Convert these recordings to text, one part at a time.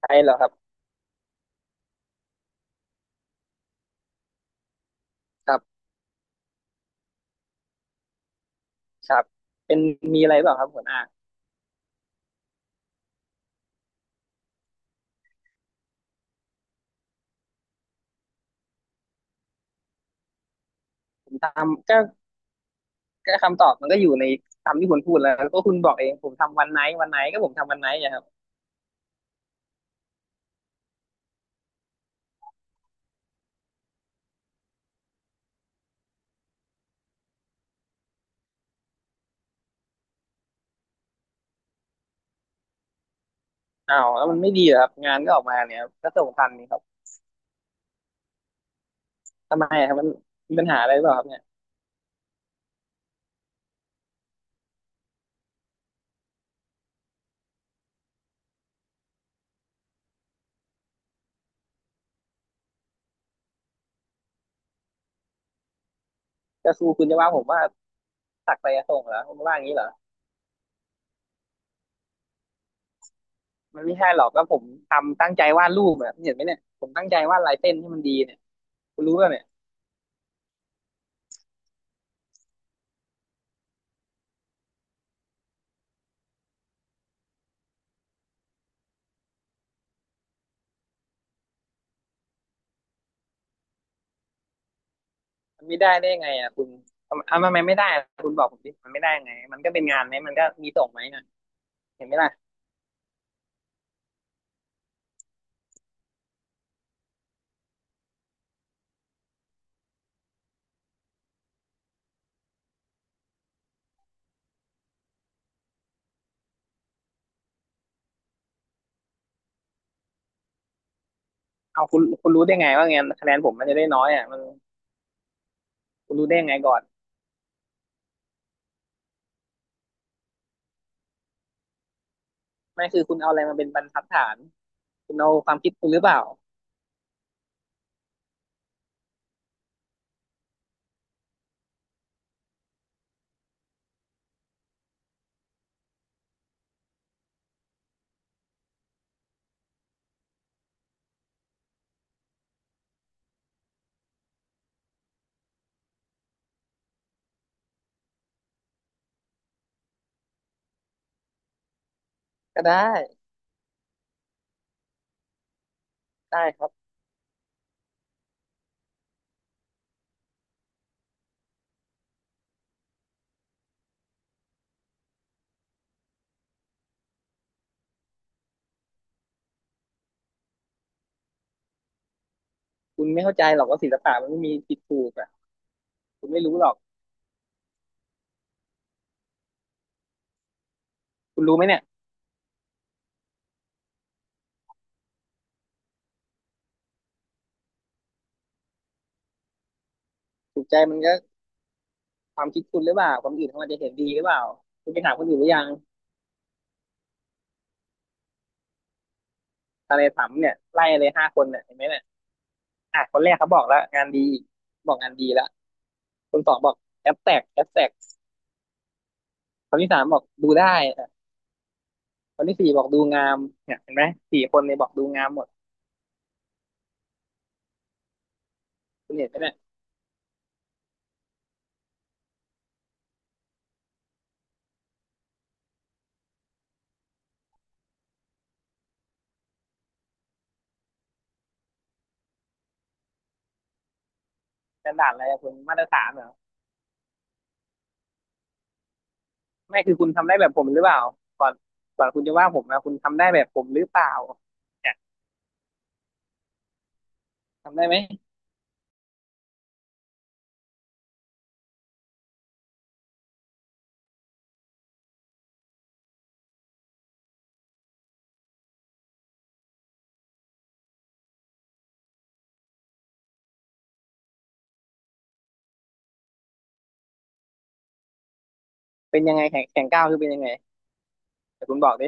ใช่เหรอครับครับครับเป็นมีอะไรเปล่าครับหัวหน้าผมทำก็ก็คำตอบมันก็อยู่ในคำที่คุณพูดแล้วก็คุณบอกเองผมทำวันไหนวันไหนก็ผมทำวันไหนอะครับอ้าวแล้วมันไม่ดีเหรอครับงานก็ออกมาเนี่ยครับก็ส่งทันนี่ครับทำไมอะครับมันมีปัญหาอะไรหรือเปล่าครับเนี่ยก็คือคุณจะว่าผมว่าตักไปส่งเหรอคุณว่าอย่างนี้เหรอมันไม่ใช่หรอกก็ผมทำตั้งใจวาดรูปแบบเห็นไหมเนี่ยผมตั้งใจวาดลายเส้นให้มันดีเนี่ยคุณรู้ป่ะเนี่ยมันไม่ได้ได้ยังไงอ่ะคุณทำทำไมไม่ได้อะคุณบอกผมดิมันไม่ได้ยังไงมันก็เป็นงานไหมมันก็มีส่งไหมนะเห็นไหมล่ะ เอาคุณคุณรู้ได้ไงว่าไงคะแนนผมมันจะได้น้อยอ่ะมันคุณรู้ได้ยังไงก่อนไม่คือคุณเอาอะไรมาเป็นบรรทัดฐานคุณเอาความคิดคุณหรือเปล่าก็ได้ได้ครับคุณไม่เข้าใจหรอกว่าศิลปะมันไม่มีผิดถูกอ่ะคุณไม่รู้หรอกคุณรู้ไหมเนี่ยถูกใจมันก็ความคิดคุณหรือเปล่าความอื่นเขาอาจจะเห็นดีหรือเปล่าคุณไปถามคนอื่นหรือยังอะไรถามเนี่ยไล่เลยห้าคนเนี่ยเห็นไหมเนี่ยอ่ะคนแรกเขาบอกแล้วงานดีบอกงานดีแล้วคนสองบอกแอบแตกแอบแตกคนที่สามบอกดูได้อ่ะคนที่สี่บอกดูงามเนี่ยเห็นไหมสี่คนเนี่ยบอกดูงามหมด คุณเห็นไหมเนี่ยสแตนดาร์ดอะไรอะคุณมาตรฐานเหรอไม่คือคุณทำได้แบบผมหรือเปล่าก่อนก่อนคุณจะว่าผมนะคุณทำได้แบบผมหรือเปล่าเนี่ยทำได้ไหมเป็นยังไงแข่งแข่งก้าวคือเป็นยังไงแต่คุณบอกดิ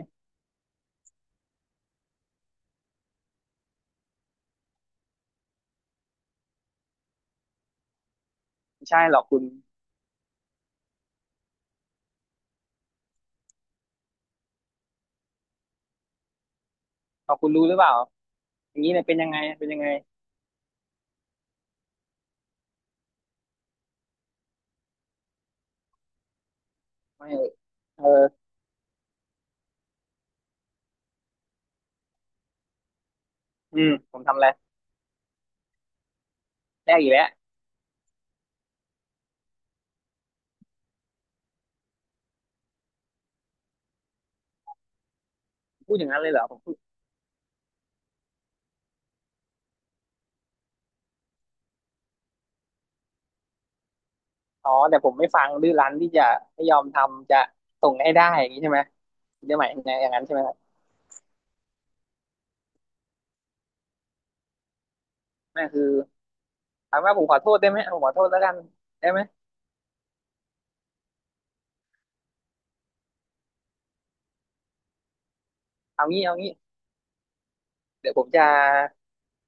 ไม่ใช่หรอกคุณพอคุณรู้หรือเปล่าอย่างนี้เนี่ยเป็นยังไงเป็นยังไงไม่เอออืมผมทำอะไรแรกอีกแล้วพูดอย่างนั้นเลยเหรอผมพูดอ๋อแต่ผมไม่ฟังดื้อรั้นที่จะไม่ยอมทำจะส่งให้ได้อย่างนี้ใช่ไหมคุณจะหมายอย่างนั้นใช่ไหมครับนั่นคือถามว่าผมขอโทษได้ไหมเอาผมขอโทษแล้วกันได้ไหมเอางี้เอางี้ เดี๋ยวผมจะ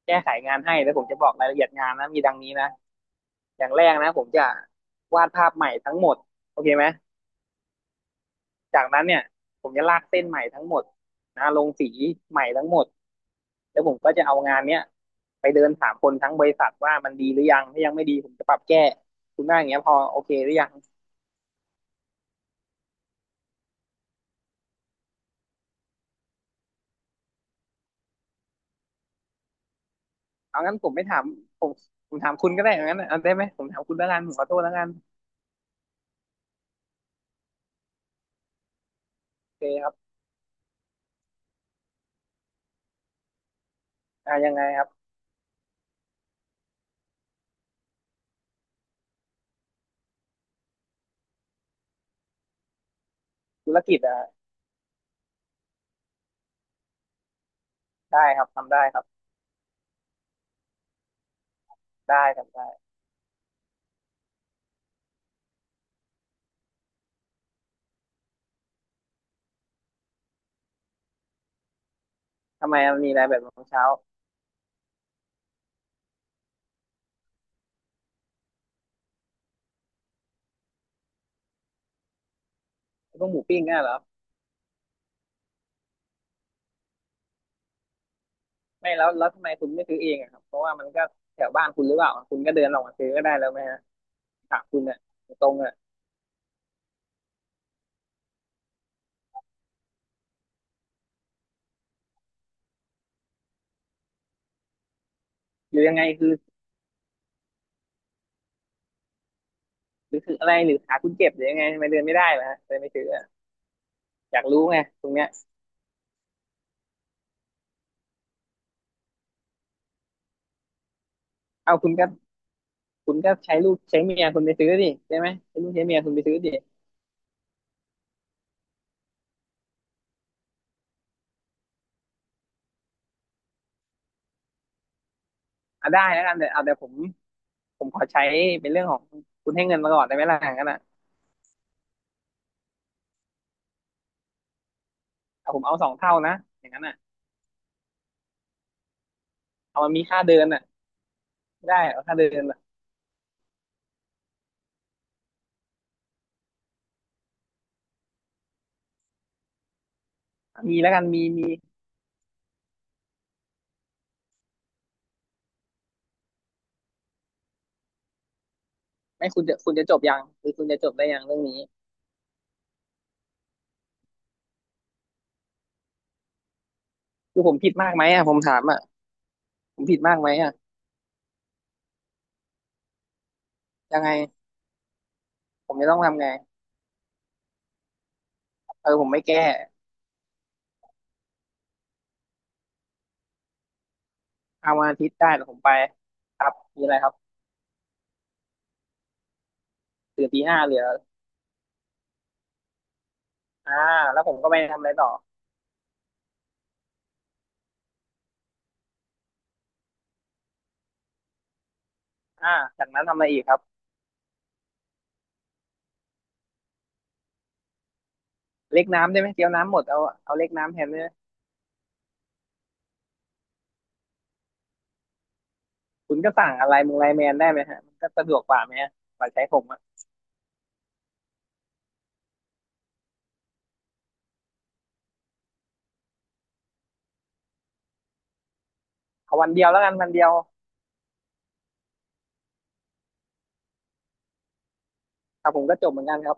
แก้ไขงานให้แล้วผมจะบอกรายละเอียดงานนะมีดังนี้นะอย่างแรกนะผมจะวาดภาพใหม่ทั้งหมดโอเคไหมจากนั้นเนี่ยผมจะลากเส้นใหม่ทั้งหมดนะลงสีใหม่ทั้งหมดแล้วผมก็จะเอางานเนี้ยไปเดินถามคนทั้งบริษัทว่ามันดีหรือยังถ้ายังไม่ดีผมจะปรับแก้คุณว่าอย่างเงี้ยพอโอเคหรือยังเอางั้นผมไม่ถามผมผมถามคุณก็ได้อางั้นเอาได้ไหมผมถามคุณแล้วกันผมขอโทษแล้วกันโอเคครับอ่ายังไงครับธุรกิจอ่ะได้ครับทำได้ครับได้ทำได้ทำไมมันมีอะไรแบบของเช้า พวกหมูปิ้งอ่ะเหรอไม่แล้วแล้วทำไมคุณไม่ซื้อเองอะครับเพราะว่ามันก็แถวบ้านคุณหรือเปล่าคุณก็เดินลงมาซื้อก็ได้แล้วไหมฮะถามคุณอ่ะตรงๆอ่ะหรือยังไงคือหรือคืออะไรหรือขาคุณเจ็บหรือยังไงทำไมเดินไม่ได้ล่ะฮะเลยไม่ซื้ออะอยากรู้ไงตรงเนี้ยเอาคุณก็คุณก็ใช้ลูกใช้เมียคุณไปซื้อดิได้ไหมใช้ลูกใช้เมียคุณไปซื้อดิอ่ะได้แล้วกันแต่เอาแต่ผมผมขอใช้เป็นเรื่องของคุณให้เงินมาก่อนได้ไหมล่ะอย่างนั้นอ่ะเอาผมเอาสองเท่านะอย่างนั้นอ่ะเอามันมีค่าเดินอ่ะได้เอาค่าเดินอ่ะมีแล้วกันมีมี ไม่คุณจะคุณจะจบยังคือคุณจะจบได้ยังเรื่องนี้คือผมผิดมากไหมอ่ะผมถามอ่ะผมผิดมากไหมอ่ะยังไงผมจะต้องทำไงเออผมไม่แก้เอาวันอาทิตย์ได้แต่ผมไปครับมีอะไรครับตื่นตีห้าเหลืออ่าแล้วผมก็ไปทำอะไรต่ออ่าจากนั้นทำอะไรอีกครับเล็กน้ำได้ไหมเกี๊ยวน้ำหมดเอาเอาเล็กน้ำแทนได้ไหมคุณก็สั่งอะไรมึงไลน์แมนได้ไหมฮะมันก็สะดวกกว่าไหมฮะกว่าใช้ผมอ่ะเอาวันเดียวแล้วกันวันเดียวครับผมก็จบเหมือนกันครับ